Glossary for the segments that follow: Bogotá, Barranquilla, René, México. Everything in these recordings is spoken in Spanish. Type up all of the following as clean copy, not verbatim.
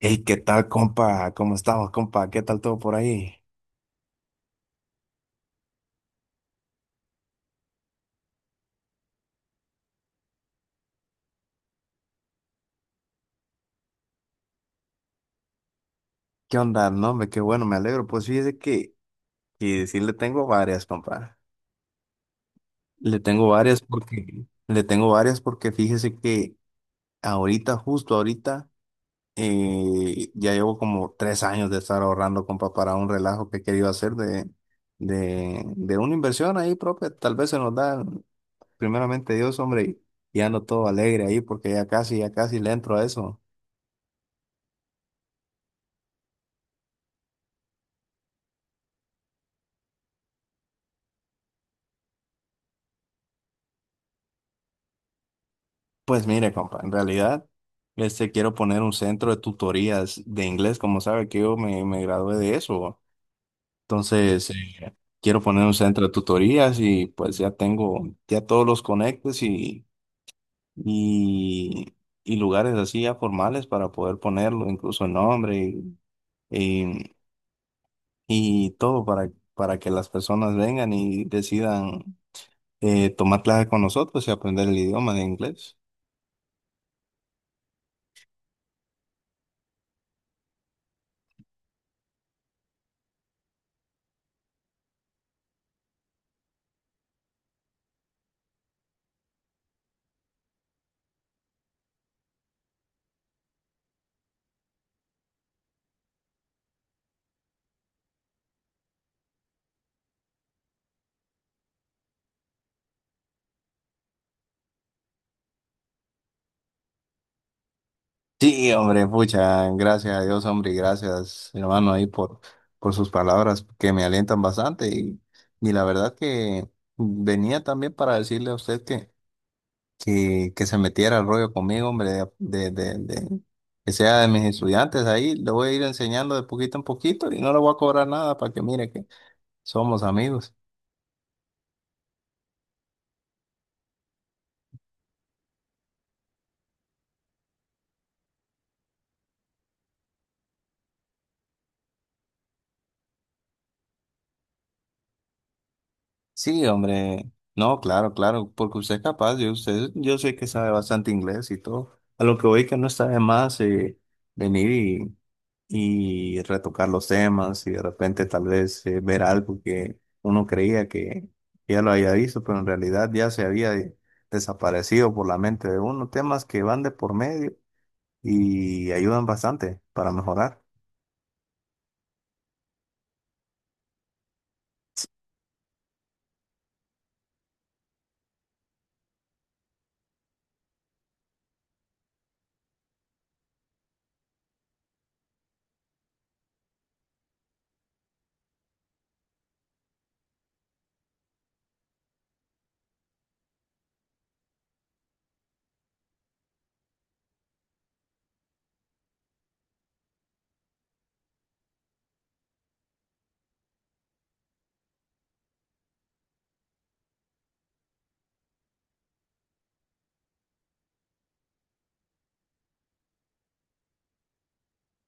Hey, ¿qué tal, compa? ¿Cómo estamos, compa? ¿Qué tal todo por ahí? ¿Qué onda? No, hombre, qué bueno, me alegro. Pues fíjese que sí le tengo varias, compa. Le tengo varias porque fíjese que ahorita, justo ahorita, ya llevo como 3 años de estar ahorrando, compa, para un relajo que he querido hacer de, de una inversión ahí propia. Tal vez se nos da, primeramente Dios, hombre, y ando todo alegre ahí porque ya casi le entro a eso. Pues mire, compa, en realidad, quiero poner un centro de tutorías de inglés, como sabe que yo me gradué de eso. Entonces, quiero poner un centro de tutorías y pues ya tengo ya todos los conectes y, y lugares así ya formales para poder ponerlo, incluso nombre y, y todo para, que las personas vengan y decidan tomar clases con nosotros y aprender el idioma de inglés. Sí, hombre, pucha, gracias a Dios, hombre, y gracias, hermano, ahí por, sus palabras que me alientan bastante. Y la verdad que venía también para decirle a usted que se metiera al rollo conmigo, hombre, que sea de mis estudiantes ahí. Le voy a ir enseñando de poquito en poquito y no le voy a cobrar nada para que mire que somos amigos. Sí, hombre. No, claro, claro, porque usted es capaz, usted, yo sé que sabe bastante inglés y todo. A lo que voy que no está de más venir y retocar los temas y de repente tal vez ver algo que uno creía que ya lo había visto, pero en realidad ya se había desaparecido por la mente de uno. Temas que van de por medio y ayudan bastante para mejorar.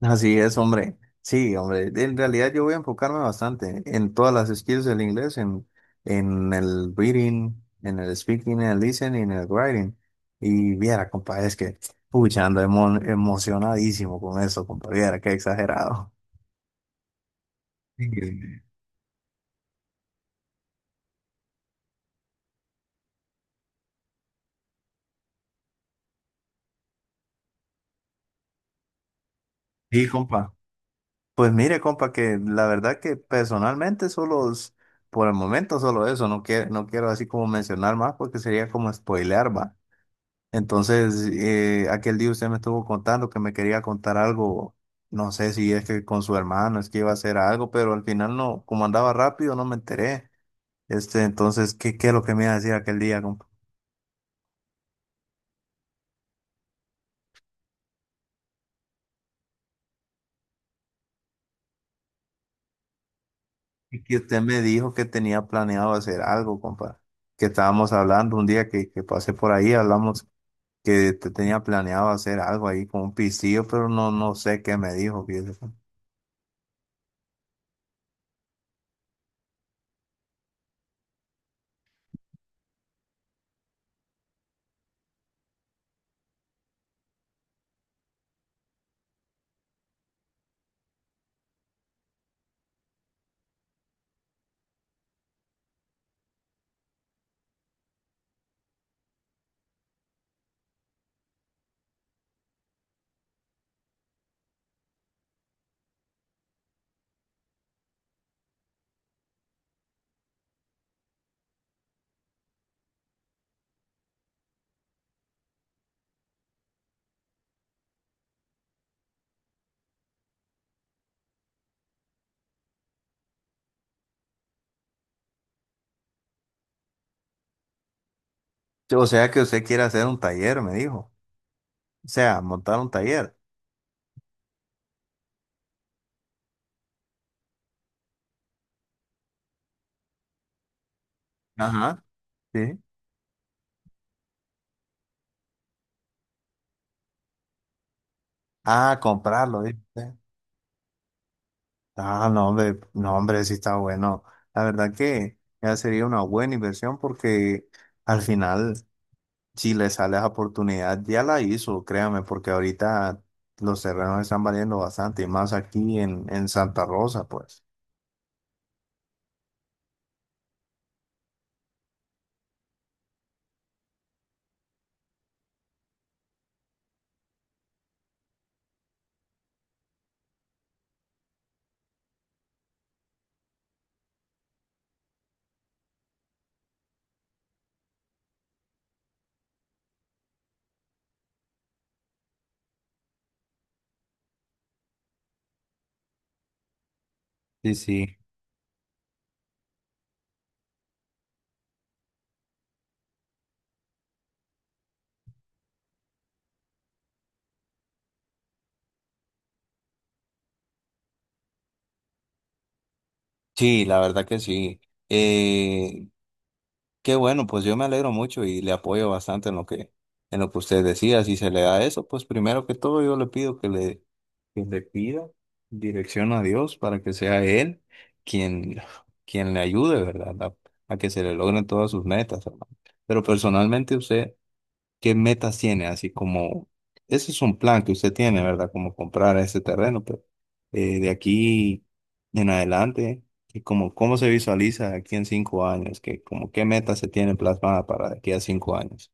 Así es, hombre. Sí, hombre. En realidad yo voy a enfocarme bastante en todas las skills del inglés, en, el reading, en el speaking, en el listening, en el writing. Y viera, compa, es que, pucha, ando emocionadísimo con eso, compa. Viera, qué exagerado. Sí, sí, compa. Pues mire, compa, que la verdad que personalmente solo, por el momento solo eso, no quiero, no quiero así como mencionar más porque sería como spoilear, va. Entonces, aquel día usted me estuvo contando que me quería contar algo, no sé si es que con su hermano, es que iba a hacer algo, pero al final no, como andaba rápido, no me enteré. Este, entonces, ¿qué, es lo que me iba a decir aquel día, compa? Y que usted me dijo que tenía planeado hacer algo, compa, que estábamos hablando un día que pasé por ahí, hablamos que te tenía planeado hacer algo ahí con un pistillo, pero no, no sé qué me dijo, fíjese, compa. O sea que usted quiere hacer un taller, me dijo. O sea, montar un taller. Ajá. Sí. Ah, comprarlo, ¿viste? Ah, no, hombre, no, hombre, sí está bueno. La verdad que ya sería una buena inversión porque al final, si le sale esa oportunidad, ya la hizo, créame, porque ahorita los terrenos están valiendo bastante, y más aquí en, Santa Rosa, pues. Sí, sí. Sí, la verdad que sí. Eh, qué bueno, pues yo me alegro mucho y le apoyo bastante en lo que, usted decía. Si se le da eso, pues primero que todo yo le pido que le pida dirección a Dios para que sea Él quien, quien le ayude, ¿verdad? A que se le logren todas sus metas, hermano. Pero personalmente usted, ¿qué metas tiene? Así como, ese es un plan que usted tiene, ¿verdad? Como comprar ese terreno, pero de aquí en adelante, ¿y cómo se visualiza aquí en 5 años? ¿Qué metas se tiene plasmada para de aquí a 5 años?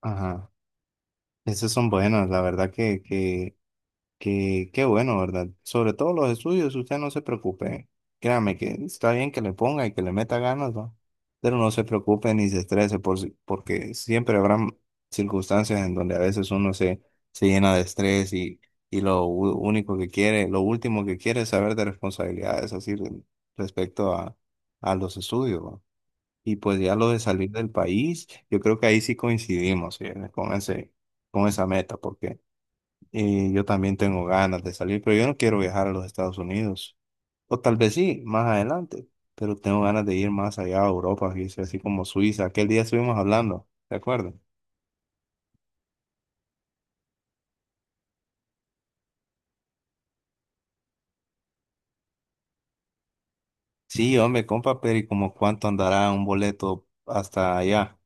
Ajá. Esas son buenas, la verdad que. Qué bueno, ¿verdad? Sobre todo los estudios, usted no se preocupe. Créame que está bien que le ponga y que le meta ganas, ¿va? Pero no se preocupe ni se estrese por, si- porque siempre habrá circunstancias en donde a veces uno se llena de estrés y lo único que quiere, lo último que quiere es saber de responsabilidades, así respecto a los estudios, ¿va? Y pues ya lo de salir del país, yo creo que ahí sí coincidimos, ¿sí? Con ese, con esa meta, porque... Y yo también tengo ganas de salir, pero yo no quiero viajar a los Estados Unidos. O tal vez sí, más adelante. Pero tengo ganas de ir más allá a Europa, fíjese, así como Suiza. Aquel día estuvimos hablando, ¿de acuerdo? Sí, hombre, compa, pero ¿y como cuánto andará un boleto hasta allá?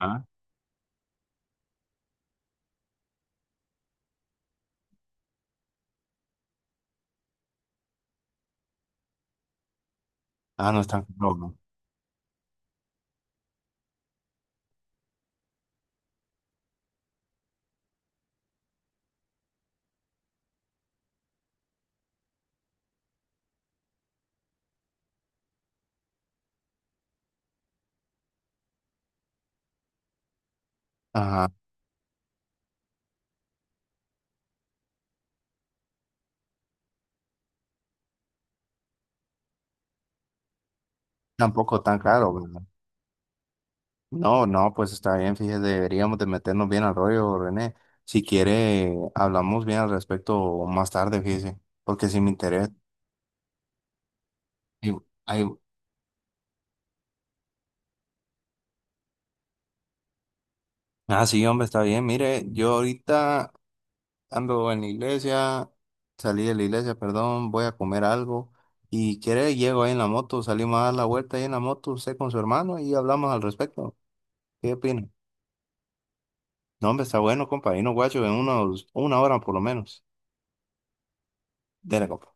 Ah, ah, no es tan caro, ¿no? Ajá, tampoco tan caro, ¿verdad? No, no, pues está bien, fíjese, deberíamos de meternos bien al rollo, René. Si quiere, hablamos bien al respecto más tarde, fíjese, porque si me interesa. Ay, ay, ah, sí, hombre, está bien. Mire, yo ahorita ando en la iglesia, salí de la iglesia, perdón, voy a comer algo. Y quiere, llego ahí en la moto, salimos a dar la vuelta ahí en la moto, usted con su hermano y hablamos al respecto. ¿Qué opina? No, hombre, está bueno, compa. Y no, guacho, una hora por lo menos. Dele, compa.